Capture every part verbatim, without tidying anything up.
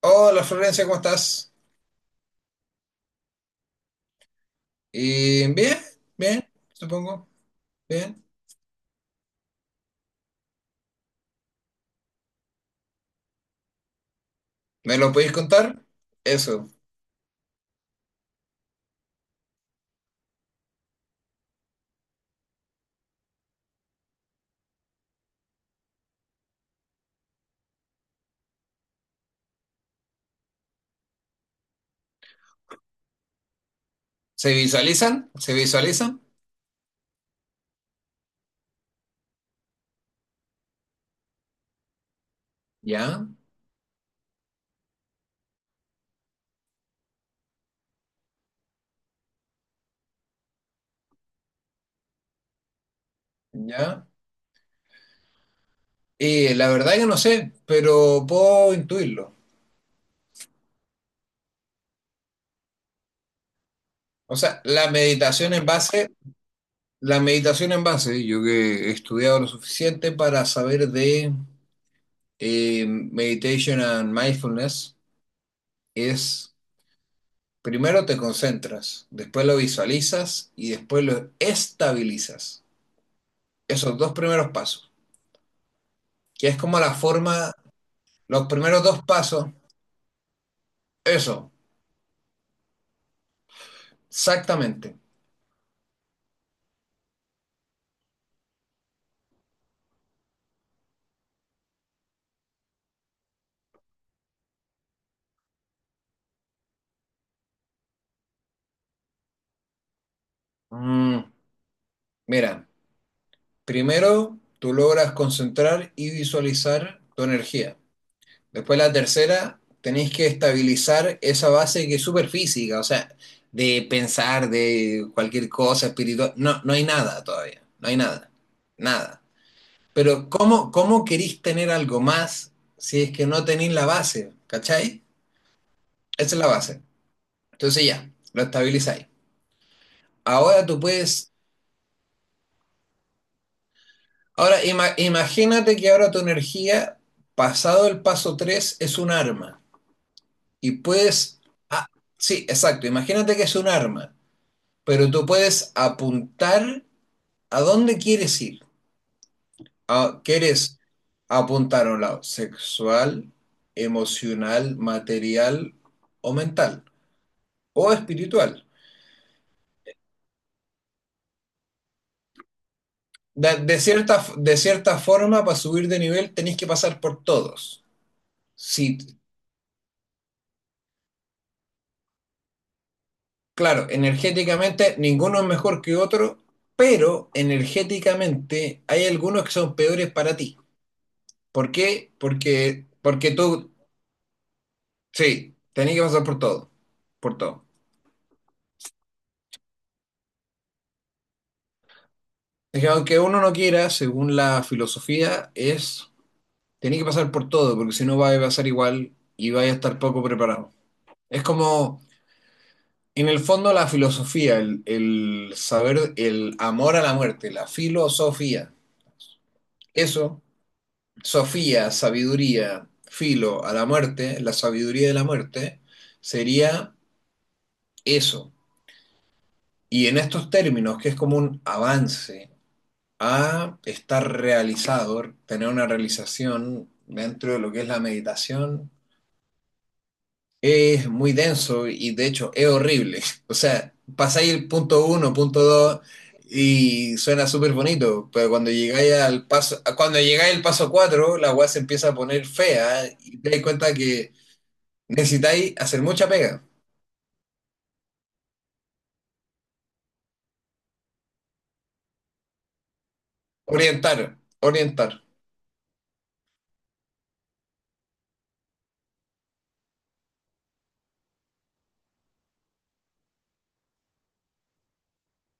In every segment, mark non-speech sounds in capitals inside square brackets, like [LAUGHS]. Hola Florencia, ¿cómo estás? Y bien, bien, supongo, bien. ¿Me lo podéis contar? Eso. ¿Se visualizan? ¿Se visualizan? Ya, ya. Y la verdad que no sé, pero puedo intuirlo. O sea, la meditación en base, la meditación en base, yo que he estudiado lo suficiente para saber de eh, meditation and mindfulness, es primero te concentras, después lo visualizas y después lo estabilizas. Esos dos primeros pasos, que es como la forma, los primeros dos pasos, eso, exactamente. Mm, Mira, primero tú logras concentrar y visualizar tu energía. Después la tercera, tenéis que estabilizar esa base que es súper física, o sea, de pensar, de cualquier cosa espiritual, no, no hay nada todavía, no hay nada, nada. Pero ¿cómo, cómo queréis tener algo más si es que no tenéis la base? ¿Cachai? Esa es la base. Entonces ya, lo estabilizáis. Ahora tú puedes, ahora ima- imagínate que ahora tu energía, pasado el paso tres, es un arma. Y puedes, ah, sí, exacto, imagínate que es un arma, pero tú puedes apuntar a dónde quieres ir. A- ¿Quieres apuntar a un lado sexual, emocional, material o mental? O espiritual. De, de cierta, de cierta forma, para subir de nivel, tenéis que pasar por todos. Si, claro, energéticamente ninguno es mejor que otro, pero energéticamente hay algunos que son peores para ti. ¿Por qué? Porque, porque tú, sí, tenés que pasar por todo, por todo. Es que aunque uno no quiera, según la filosofía, es, tenés que pasar por todo, porque si no va a pasar igual y vaya a estar poco preparado. Es como, en el fondo, la filosofía, el, el saber, el amor a la muerte, la filosofía. Eso Sofía, sabiduría, filo a la muerte, la sabiduría de la muerte, sería eso. Y en estos términos, que es como un avance a estar realizado, tener una realización dentro de lo que es la meditación, es muy denso y de hecho es horrible. [LAUGHS] O sea, pasáis el punto uno, punto dos y suena súper bonito, pero cuando llegáis al paso, cuando llegáis al paso cuatro, la weá se empieza a poner fea y te das cuenta que necesitáis hacer mucha pega. Orientar, orientar.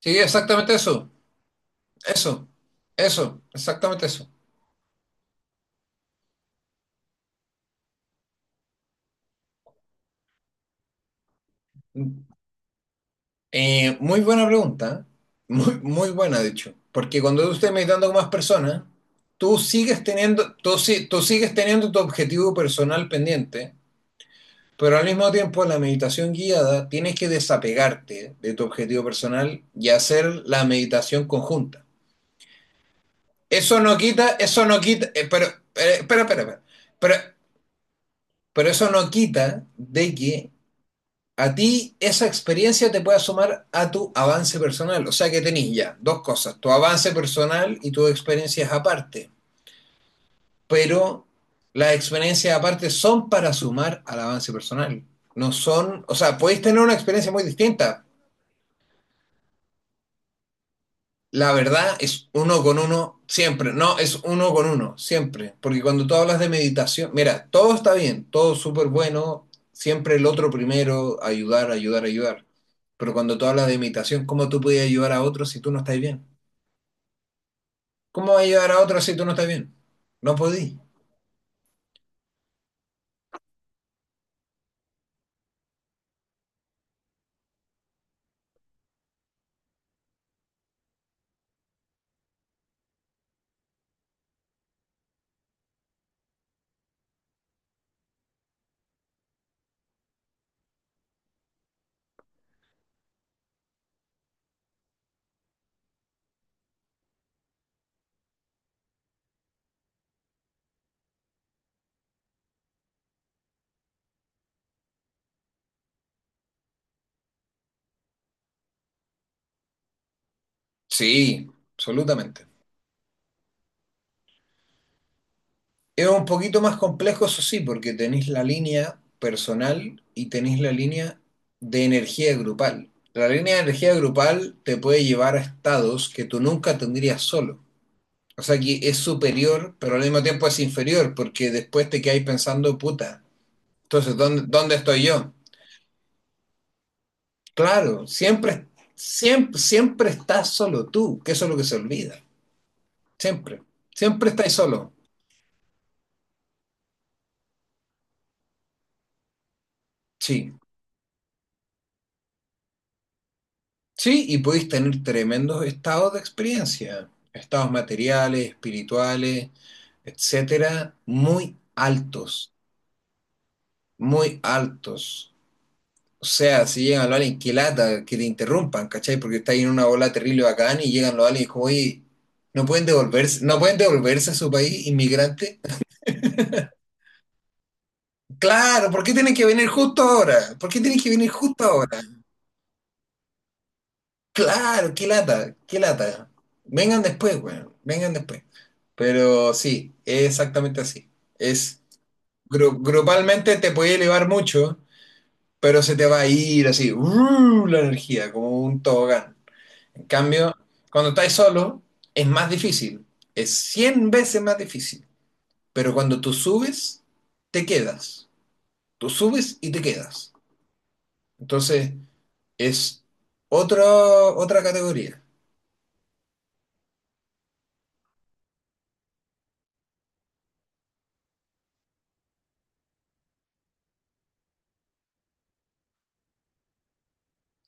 Sí, exactamente eso. Eso, eso, exactamente eso. Eh, muy buena pregunta. ¿Eh? Muy, muy buena, de hecho. Porque cuando tú estés meditando con más personas, tú sigues teniendo, tú, si- tú sigues teniendo tu objetivo personal pendiente, pero al mismo tiempo en la meditación guiada tienes que desapegarte de tu objetivo personal y hacer la meditación conjunta. Eso no quita, eso no quita, eh, pero, eh, espera, espera, espera. Pero Pero eso no quita de que a ti esa experiencia te pueda sumar a tu avance personal. O sea que tenés ya dos cosas, tu avance personal y tus experiencias aparte. Pero las experiencias aparte son para sumar al avance personal. No son, o sea, podéis tener una experiencia muy distinta. La verdad es uno con uno siempre. No, es uno con uno siempre. Porque cuando tú hablas de meditación, mira, todo está bien, todo súper bueno, siempre el otro primero, ayudar, ayudar, ayudar. Pero cuando tú hablas de meditación, ¿cómo tú podías ayudar a otros si tú no estás bien? ¿Cómo vas a ayudar a otros si tú no estás bien? No podí. Sí, absolutamente. Es un poquito más complejo, eso sí, porque tenéis la línea personal y tenéis la línea de energía grupal. La línea de energía grupal te puede llevar a estados que tú nunca tendrías solo. O sea que es superior, pero al mismo tiempo es inferior, porque después te quedáis pensando, puta, entonces, ¿dónde, dónde estoy yo? Claro, siempre, siempre, siempre estás solo tú, que eso es lo que se olvida. Siempre, siempre estás solo. Sí. Sí, y podéis tener tremendos estados de experiencia, estados materiales, espirituales, etcétera, muy altos, muy altos. O sea, si llegan los aliens, qué lata que te interrumpan, ¿cachai? Porque está ahí en una bola terrible bacán y llegan los aliens y como, oye, no pueden devolverse, no pueden devolverse a su país inmigrante. Claro, ¿por qué tienen que venir justo ahora? ¿Por qué tienen que venir justo ahora? Claro, qué lata, qué lata. Vengan después, weón, vengan después. Pero sí, es exactamente así. Es gru- grupalmente te puede elevar mucho, pero se te va a ir así, ¡uh! La energía, como un tobogán. En cambio, cuando estás solo, es más difícil. Es cien veces más difícil. Pero cuando tú subes, te quedas. Tú subes y te quedas. Entonces, es otra otra categoría.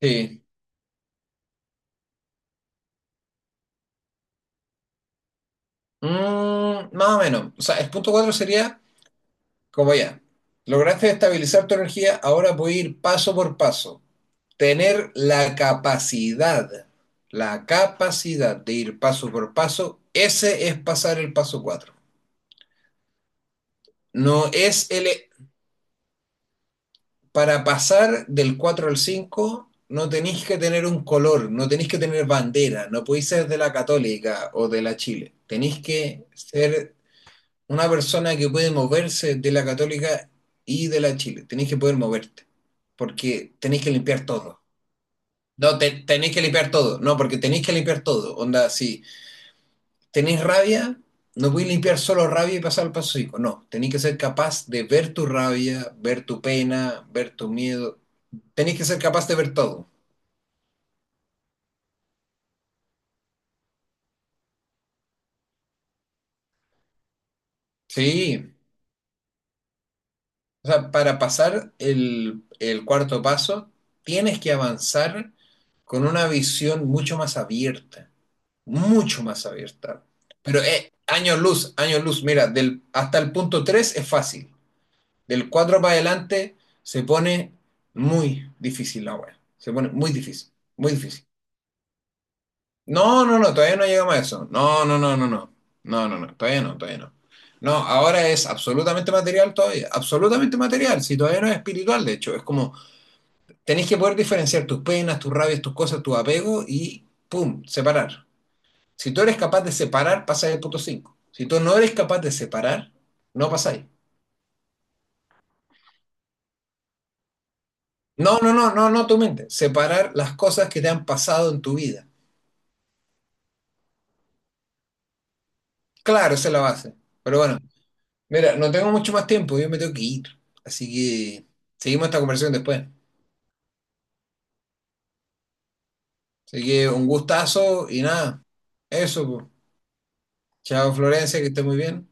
Sí. Mm, más o menos. O sea, el punto cuatro sería como ya. Lograste estabilizar tu energía, ahora puedes ir paso por paso. Tener la capacidad, la capacidad de ir paso por paso, ese es pasar el paso cuatro. No es el. Para pasar del cuatro al cinco no tenéis que tener un color, no tenéis que tener bandera, no podéis ser de la Católica o de la Chile. Tenéis que ser una persona que puede moverse de la Católica y de la Chile. Tenéis que poder moverte. Porque tenéis que limpiar todo. No, te- tenéis que limpiar todo. No, porque tenéis que limpiar todo. Onda, si tenéis rabia, no podéis limpiar solo rabia y pasar al paso cinco. No, tenéis que ser capaz de ver tu rabia, ver tu pena, ver tu miedo. Tenéis que ser capaz de ver todo. Sí. O sea, para pasar el, el cuarto paso, tienes que avanzar con una visión mucho más abierta. Mucho más abierta. Pero eh, años luz, años luz, mira, del, hasta el punto tres es fácil. Del cuatro para adelante se pone muy difícil la web. Se pone muy difícil, muy difícil. No, no, no, todavía no llegamos a eso. No, no, no, no, no. No, no, no, todavía no, todavía no. No, ahora es absolutamente material todavía, absolutamente material, si todavía no es espiritual, de hecho, es como tenés que poder diferenciar tus penas, tus rabias, tus cosas, tu apego y, ¡pum!, separar. Si tú eres capaz de separar, pasáis el punto cinco. Si tú no eres capaz de separar, no pasáis. No, no, no, no, no tu mente. Separar las cosas que te han pasado en tu vida. Claro, esa es la base. Pero bueno, mira, no tengo mucho más tiempo, yo me tengo que ir. Así que seguimos esta conversación después. Así que un gustazo y nada. Eso, pues. Chao Florencia, que esté muy bien.